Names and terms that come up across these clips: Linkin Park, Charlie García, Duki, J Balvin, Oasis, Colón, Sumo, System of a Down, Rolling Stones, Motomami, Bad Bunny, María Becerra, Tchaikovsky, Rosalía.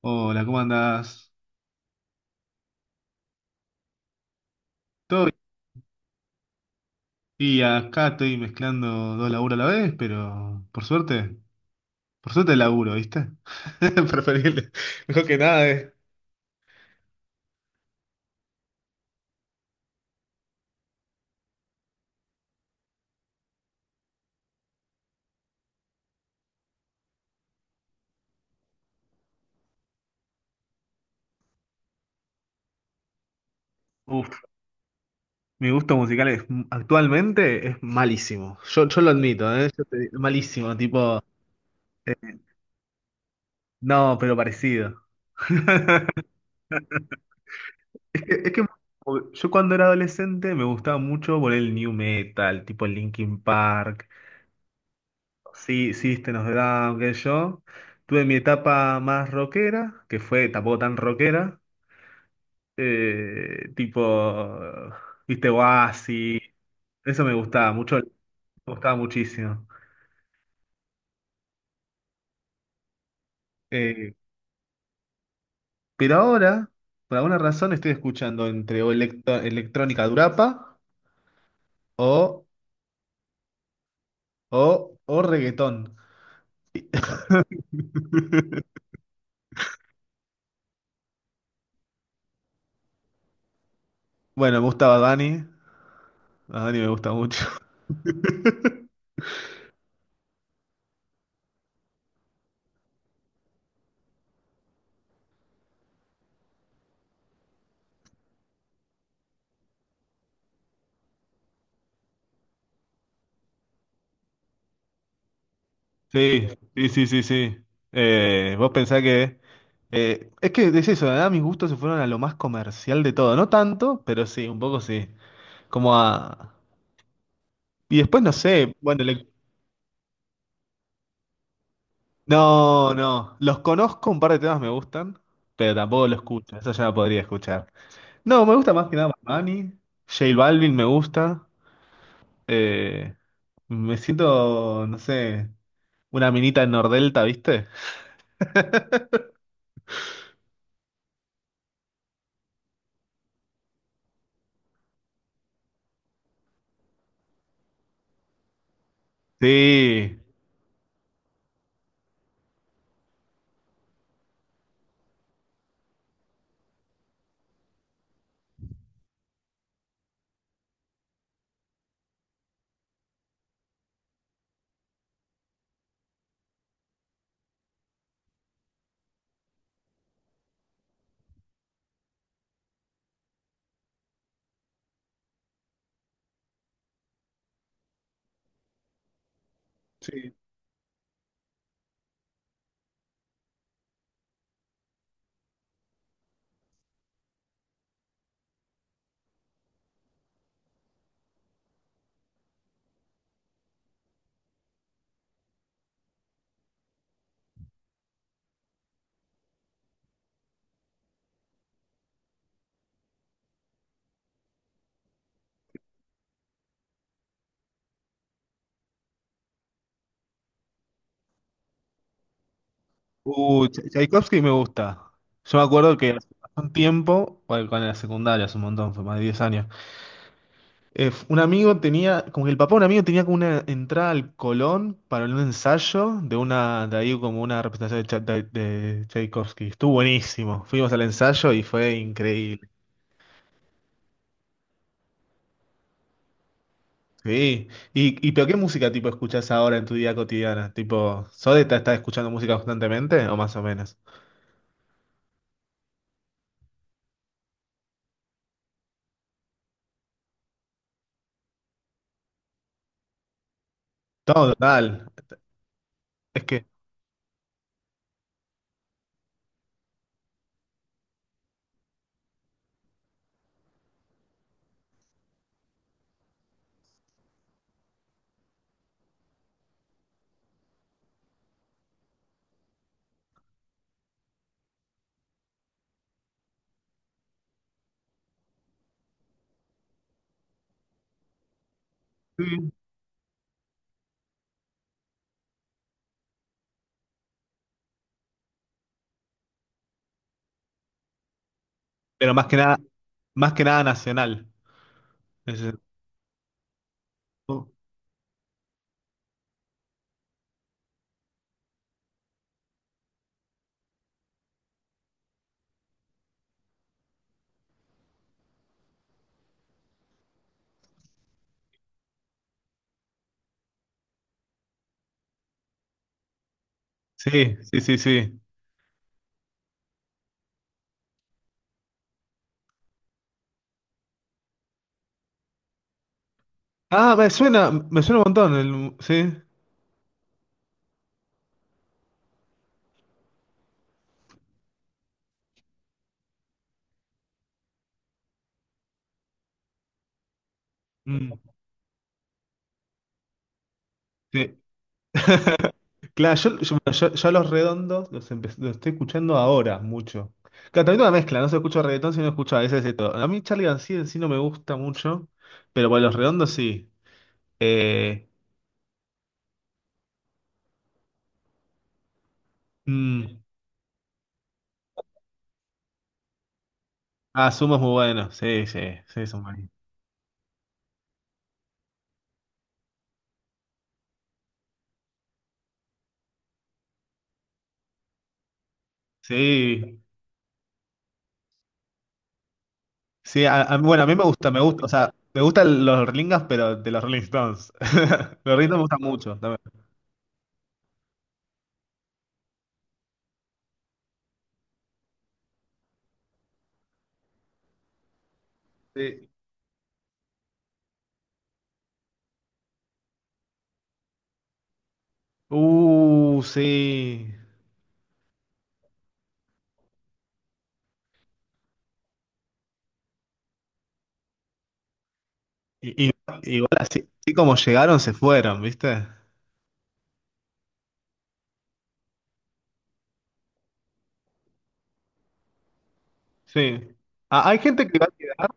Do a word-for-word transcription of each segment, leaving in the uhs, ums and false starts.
Hola, ¿cómo andás? Todo bien. Y acá estoy mezclando dos laburos a la vez, pero por suerte, por suerte laburo, ¿viste? Preferible. Mejor que nada es. Uf, mi gusto musical es, actualmente es malísimo. Yo, yo lo admito, ¿eh? Yo te- malísimo, tipo. eh, No, pero parecido. Es que, es que yo cuando era adolescente me gustaba mucho por el new metal, tipo Linkin Park. Sí, System of a Down, qué sé yo. Tuve mi etapa más rockera, que fue tampoco tan rockera, eh, tipo, viste, Oasis, eso me gustaba mucho, me gustaba muchísimo. Eh, pero ahora, por alguna razón, estoy escuchando entre o electro- electrónica durapa o, o, o reggaetón. Bueno, me gusta Bad Bunny, Bad Bunny me gusta mucho. Sí, sí, sí, sí, sí. Eh, vos pensás que... eh, es que es eso, ¿verdad? Mis gustos se fueron a lo más comercial de todo. No tanto, pero sí, un poco sí. Como a... Y después no sé, bueno, le- no, no. Los conozco, un par de temas me gustan, pero tampoco lo escucho. Eso ya lo podría escuchar. No, me gusta más que nada Manny, J Balvin me gusta. eh, Me siento, no sé, una minita en Nordelta, ¿viste? Sí. Sí. Uh, Ch- Tchaikovsky me gusta. Yo me acuerdo que hace un tiempo, bueno, cuando era secundaria, hace un montón, fue más de diez años, eh, f- un amigo tenía, como que el papá de un amigo tenía como una entrada al Colón para un ensayo de una, de ahí como una representación de, Cha- de- de Tchaikovsky. Estuvo buenísimo. Fuimos al ensayo y fue increíble. Sí. Y, y pero ¿qué música tipo escuchás ahora en tu día cotidiana? Tipo, ¿Sode está, está escuchando música constantemente o más o menos? Todo, total. Es que... sí. Pero más que nada, más que nada nacional. Es- Sí, sí, sí, sí. Ah, me suena, me suena un montón. El- sí. Mm, sí. Claro, yo, yo- bueno, yo- yo a los redondos los, empe- los estoy escuchando ahora mucho. Claro, también una mezcla, no se escucha reggaetón, sino escucho a veces de todo. A mí Charlie García en sí no me gusta mucho, pero bueno, los redondos sí. Eh, mm, ah, Sumo es muy bueno, sí, sí, sí, son buenos. Sí, sí, a- a- bueno, a mí me gusta, me gusta, o sea, me gustan los Rollingas, pero de los Rolling Stones. Los Rolling Stones me gustan mucho también. Sí. Uh, sí. Y, y- Igual así, así como llegaron, se fueron, ¿viste? Sí. Ah, hay gente que va a quedar.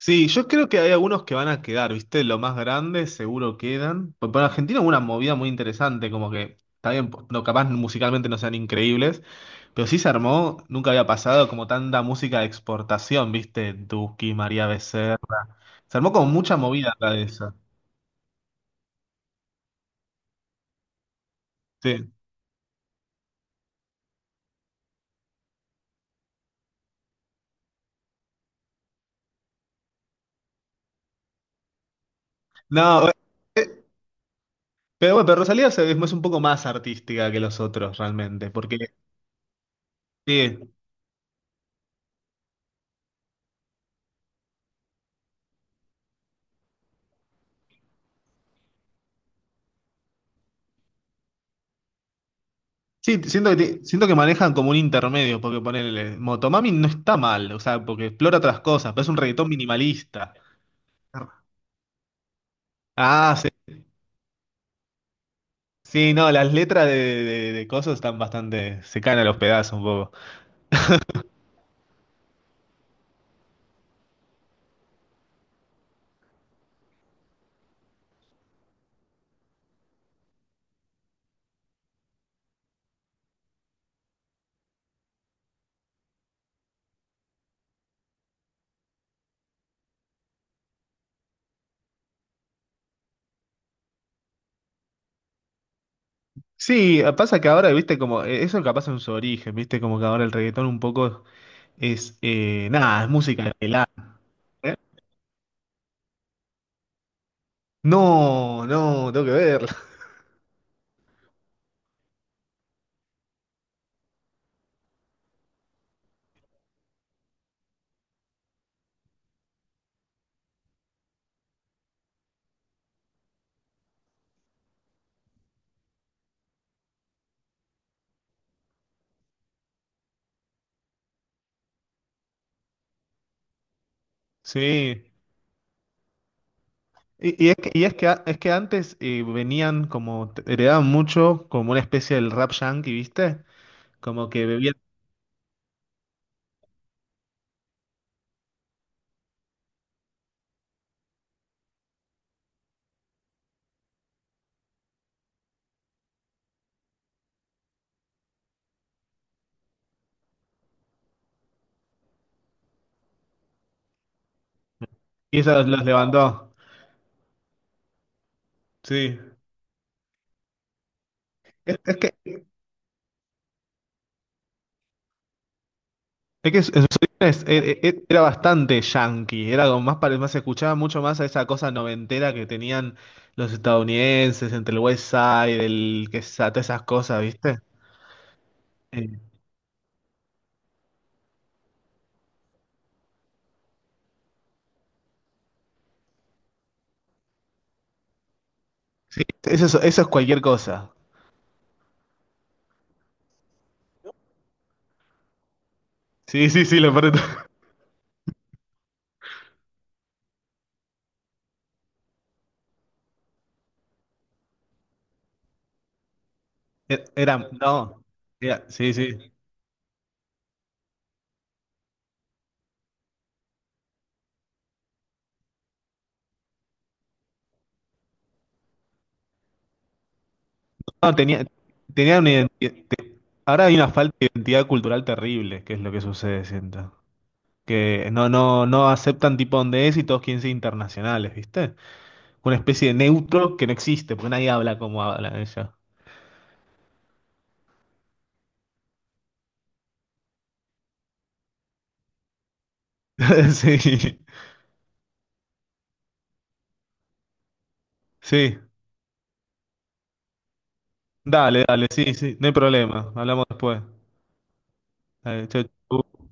Sí, yo creo que hay algunos que van a quedar, ¿viste? Los más grandes seguro quedan. Por, por Argentina hubo una movida muy interesante, como que, está bien, no, capaz musicalmente no sean increíbles, pero sí se armó, nunca había pasado como tanta música de exportación, ¿viste? Duki, María Becerra. Se armó como mucha movida la de esa. Sí. No, eh, eh, pero bueno, pero Rosalía se- es un poco más artística que los otros realmente, porque sí, sí, siento que, te- siento que manejan como un intermedio, porque ponele, Motomami no está mal, o sea, porque explora otras cosas, pero es un reggaetón minimalista. Ah, sí, sí, no, las letras de, de, de cosas están bastante, se caen a los pedazos un poco. Sí, ah, pasa que ahora, viste, como, eh, eso capaz en su origen, viste, como que ahora el reggaetón un poco es, eh, nada, es música de pelada, ¿eh? No, no, tengo que verlo. Sí. Y, y es que, y es que, a- es que antes eh, venían como, te- heredaban mucho como una especie del rap yankee, viste, como que bebían, y eso los, los levantó. Sí. Es Es que su- en sus orígenes e- e- era bastante yankee, era como más, pare- más se escuchaba mucho más a esa cosa noventera que tenían los estadounidenses entre el West Side, el que esa- todas esas cosas, ¿viste? Sí, sí, eso es, eso es cualquier cosa. Sí, sí, sí, lo peor de todo. E- Era, no, era- sí, sí. No, tenía, tenía una identidad. Ahora hay una falta de identidad cultural terrible, que es lo que sucede, siento. Que no, no, no aceptan tipo donde es y todos quieren ser internacionales, ¿viste? Una especie de neutro que no existe, porque nadie habla como habla ella. Sí, sí, dale, dale, sí, sí, no hay problema, hablamos después. Dale, chau, chau.